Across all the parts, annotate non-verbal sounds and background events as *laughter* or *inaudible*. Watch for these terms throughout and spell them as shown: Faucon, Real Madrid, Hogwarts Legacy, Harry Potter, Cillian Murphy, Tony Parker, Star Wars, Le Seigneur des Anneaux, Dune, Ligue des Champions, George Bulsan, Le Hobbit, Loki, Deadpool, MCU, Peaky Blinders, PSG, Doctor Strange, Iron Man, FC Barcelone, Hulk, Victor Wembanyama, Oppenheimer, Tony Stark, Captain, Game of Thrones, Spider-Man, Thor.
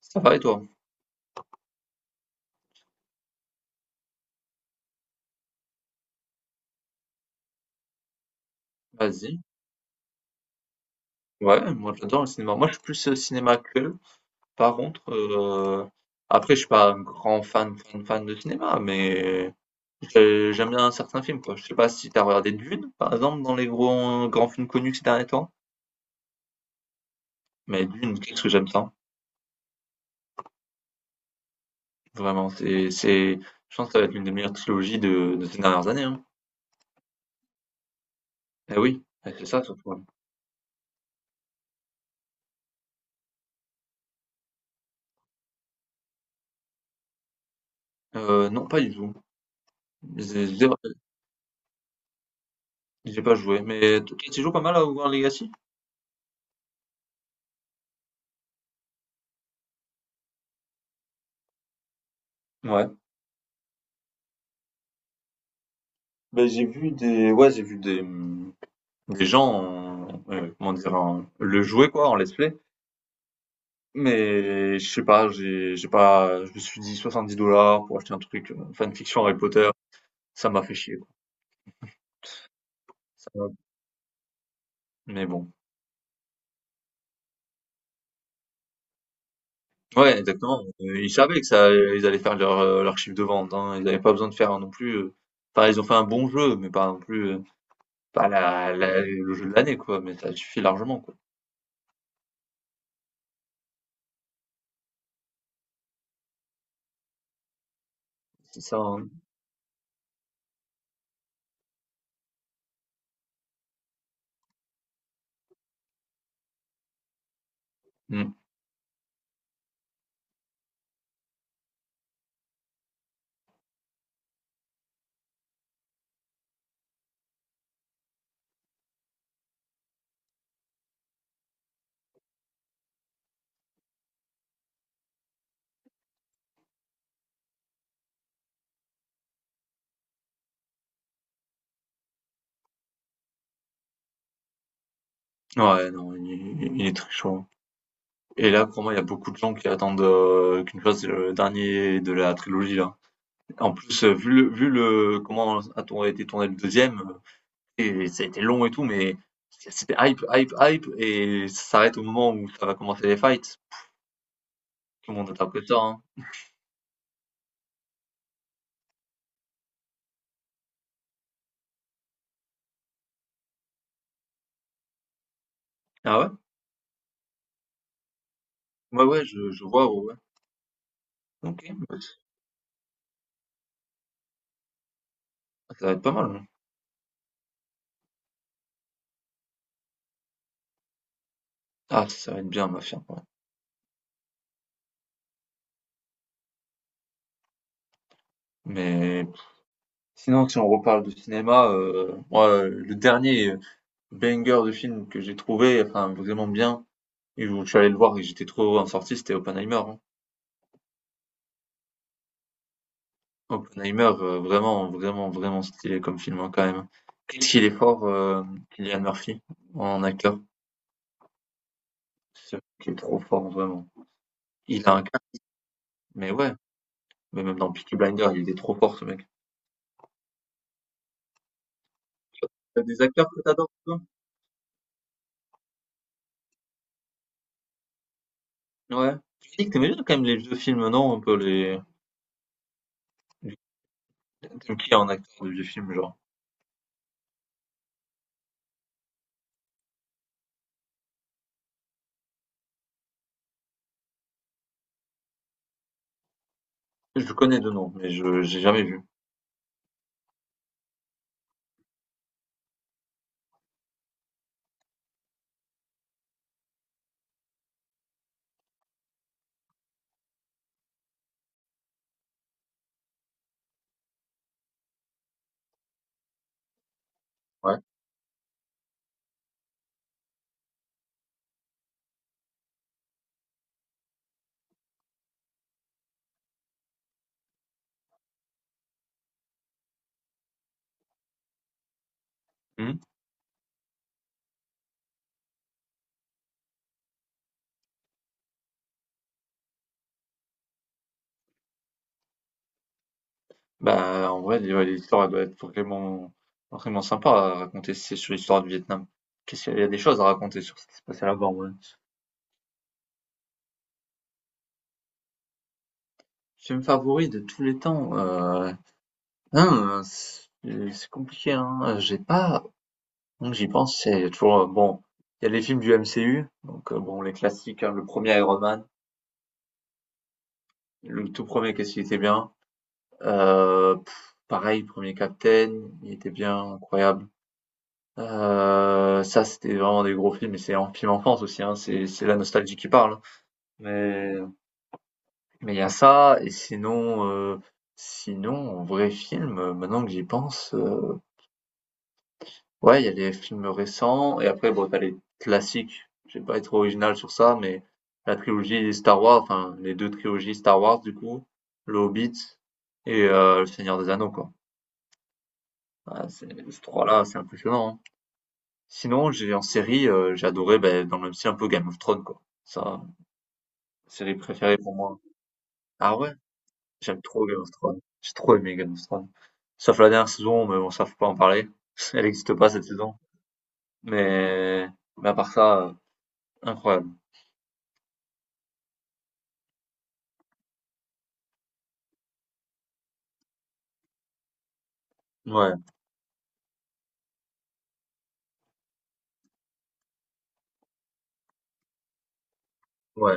Ça va et toi? Vas-y. Ouais, moi j'adore le cinéma. Moi je suis plus cinéma actuel. Par contre, après je suis pas un grand fan de cinéma, mais j'aime bien certains films quoi. Je sais pas si t'as regardé Dune, par exemple, dans les gros grands films connus ces derniers temps. Mais Dune, qu'est-ce que j'aime ça. Vraiment, je pense que ça va être l'une des meilleures trilogies de ces dernières années, hein. Eh oui, eh, c'est ça surtout, hein. Non, pas du tout. J'ai j'ai- j'ai pas joué, mais tu joues pas mal à Hogwarts Legacy? Ouais. Ben j'ai vu des, ouais, des gens, comment dire, le jouer quoi, en let's play. Mais je sais pas, j'ai pas, je me suis dit 70 dollars pour acheter un truc fanfiction Harry Potter, ça m'a fait chier quoi. Ça m'a- Mais bon, ouais, exactement. Ils savaient que ça, ils allaient faire leur, leur chiffre de vente, hein. Ils n'avaient pas besoin de faire non plus, enfin, ils ont fait un bon jeu, mais pas non plus pas le jeu de l'année quoi. Mais ça suffit largement quoi. C'est ça, hein. Mm. Ouais, non, il est très chaud, hein. Et là, pour moi, il y a beaucoup de gens qui attendent qu'une chose, c'est le dernier de la trilogie, là. En plus, vu le, a été tourné le deuxième, et ça a été long et tout, mais c'était hype, et ça s'arrête au moment où ça va commencer les fights. Tout le monde interprète ça, hein. Ah ouais? Ouais, ouais, je vois, ouais, ouais. Ok, bah, ça va être pas mal, hein. Ah, ça va être bien, ma chère, ouais. Mais sinon, si on reparle de cinéma, moi, le dernier banger de film que j'ai trouvé, enfin, vraiment bien, et où je suis allé le voir et j'étais trop en sortie, c'était Oppenheimer, hein. Oppenheimer, vraiment, vraiment, vraiment stylé comme film, hein, quand même. Qu'est-ce qu'il est fort, Cillian Murphy, en acteur. C'est un mec qui est trop fort, vraiment. Il a un casque, mais ouais. Mais même dans Peaky Blinders, il est trop fort, ce mec. T'as des acteurs que t'adores, toi? Ouais. Tu dis que t'aimais bien quand même les vieux films, non? Un peu les... T'aimes qui en acteur de vieux films, genre? Je connais de nom, mais je j'ai jamais vu. Ouais. Hmm. Bah, en vrai, ouais, l'histoire, elle doit être vraiment, vraiment sympa à raconter si c'est sur l'histoire du Vietnam. Qu'est-ce qu'il y a des choses à raconter sur ce qui s'est passé là-bas, en vrai. Film favori de tous les temps, hein, c'est compliqué, hein. J'ai pas, donc j'y pense, c'est toujours, bon, il y a les films du MCU, donc, bon, les classiques, hein, le premier Iron Man, le tout premier, qu'est-ce qu'il était bien, pff, pareil, premier Captain, il était bien, incroyable. Ça, c'était vraiment des gros films et c'est un film enfance aussi, hein, c'est la nostalgie qui parle, hein. Mais mais il y a ça et sinon, sinon en vrai film, maintenant que j'y pense, ouais, il y a les films récents et après bon, tu as les classiques. Je vais pas être original sur ça, mais la trilogie Star Wars, enfin les 2 trilogies Star Wars du coup, Le Hobbit et Le Seigneur des Anneaux quoi. Ah, c'est ces 3 là, c'est impressionnant, hein. Sinon, j'ai en série, j'ai adoré, beh, dans le même style, un peu Game of Thrones, quoi. Ça, série préférée pour moi. Ah ouais? J'aime trop Game of Thrones. J'ai trop aimé Game of Thrones. Sauf la dernière saison, mais bon, ça, faut pas en parler. *laughs* Elle n'existe pas, cette saison. Mais mais à part ça, incroyable. Ouais, ouais.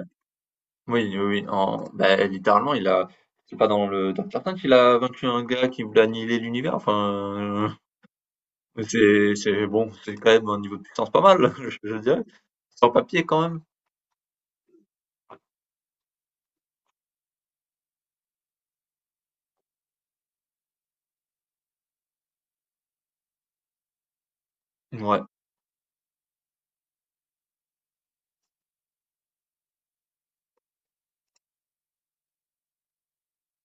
Oui, oui, oui, en beh, littéralement, il a c'est pas dans le Docteur Strange qu'il a vaincu un gars qui voulait annihiler l'univers? Enfin, *laughs* c'est bon, c'est quand même un niveau de puissance pas mal, *laughs* je dirais. Sans papier, quand même. Ouais.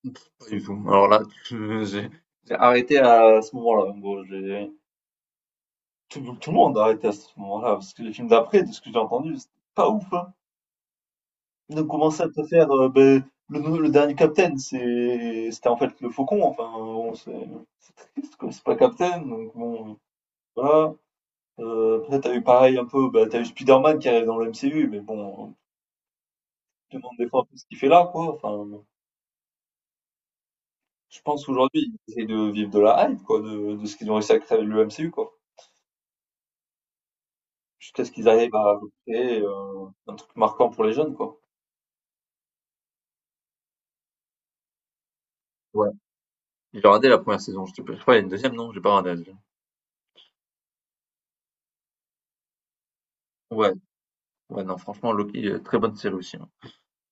Pff, pas du tout. Alors là, *laughs* j'ai arrêté à ce moment-là, en gros. Tout le monde a arrêté à ce moment-là, parce que les films d'après, de ce que j'ai entendu, c'était pas ouf, hein. Ils ont commencé à te faire le dernier Captain, c'était en fait le Faucon. Enfin, bon, c'est triste, quoi. C'est pas Captain, donc bon, voilà. Après, t'as eu pareil un peu, bah, t'as eu Spider-Man qui arrive dans le MCU, mais bon, tu te demandes des fois un peu ce qu'il fait là, quoi. Enfin, je pense qu'aujourd'hui, ils essayent de vivre de la hype, quoi, de ce qu'ils ont réussi à créer avec le MCU, quoi. Jusqu'à ce qu'ils arrivent à créer un truc marquant pour les jeunes, quoi. Ouais. J'ai regardé la première saison. Je sais pas, je crois qu'il y a une deuxième, non? J'ai pas regardé la deuxième. Ouais. Ouais, non, franchement, Loki, très bonne série aussi, hein.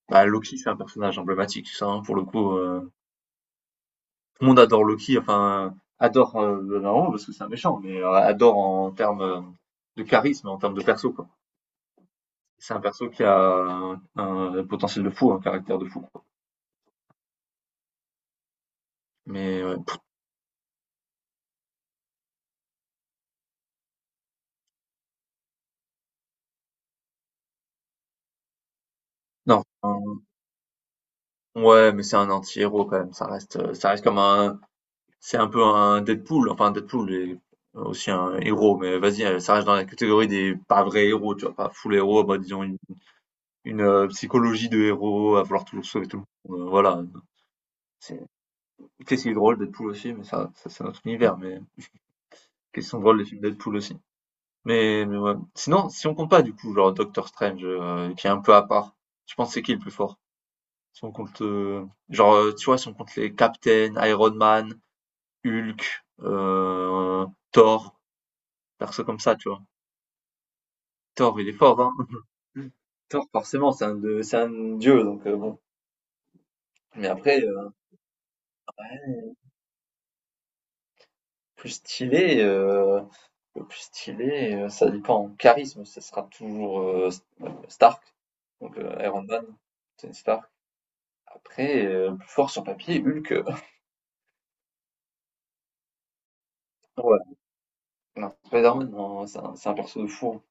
Bah, Loki, c'est un personnage emblématique, ça, hein, pour le coup, tout le monde adore Loki, enfin, adore, non, parce que c'est un méchant, mais adore en termes de charisme, en termes de perso, quoi. C'est un perso qui a un potentiel de fou, un caractère de fou, quoi. Mais, ouais, pff, non, ouais, mais c'est un anti-héros, quand même. Ça reste comme un, c'est un peu un Deadpool, enfin Deadpool est aussi un héros, mais vas-y, ça reste dans la catégorie des pas vrais héros, tu vois, pas full héros, bah, psychologie de héros à vouloir toujours sauver tout le monde. Voilà, c'est qu'est-ce qui est drôle Deadpool aussi, mais ça c'est notre univers, mais qu'est-ce qui sont drôles les films Deadpool aussi. Mais ouais. Sinon, si on compte pas du coup, genre Doctor Strange, qui est un peu à part, tu penses c'est qui le plus fort? Si on compte, genre, tu vois, si on compte les Captain, Iron Man, Hulk, Thor, perso comme ça, tu vois. Thor, il est fort, hein. Thor, forcément, c'est un, c'est un dieu, donc bon. Mais après, ouais, plus stylé, le plus stylé, ça dépend. En charisme, ce sera toujours Stark, donc Iron Man, Tony Stark. Après, plus fort sur papier, Hulk, *laughs* ouais. Non, Spider-Man, non, c'est un perso de fou.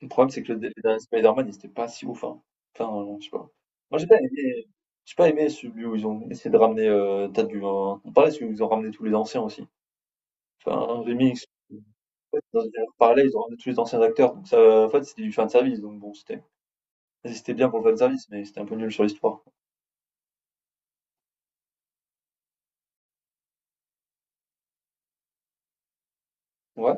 Le problème, c'est que le dernier Spider-Man, il était pas si ouf, hein. Enfin, je sais pas. Moi, j'ai pas aimé celui où ils ont essayé de ramener, t'as du, pareil, celui où ils ont ramené tous les anciens aussi. Enfin, un remix. En fait, dans un univers parallèle, ils ont ramené tous les anciens acteurs, donc ça, en fait, c'était du fan service, donc bon, c'était, c'était bien pour le fan service, mais c'était un peu nul sur l'histoire. Ouais,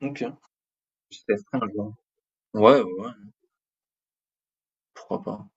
ok. C'était très mal, hein. Ouais, ouais, ouais, pourquoi pas.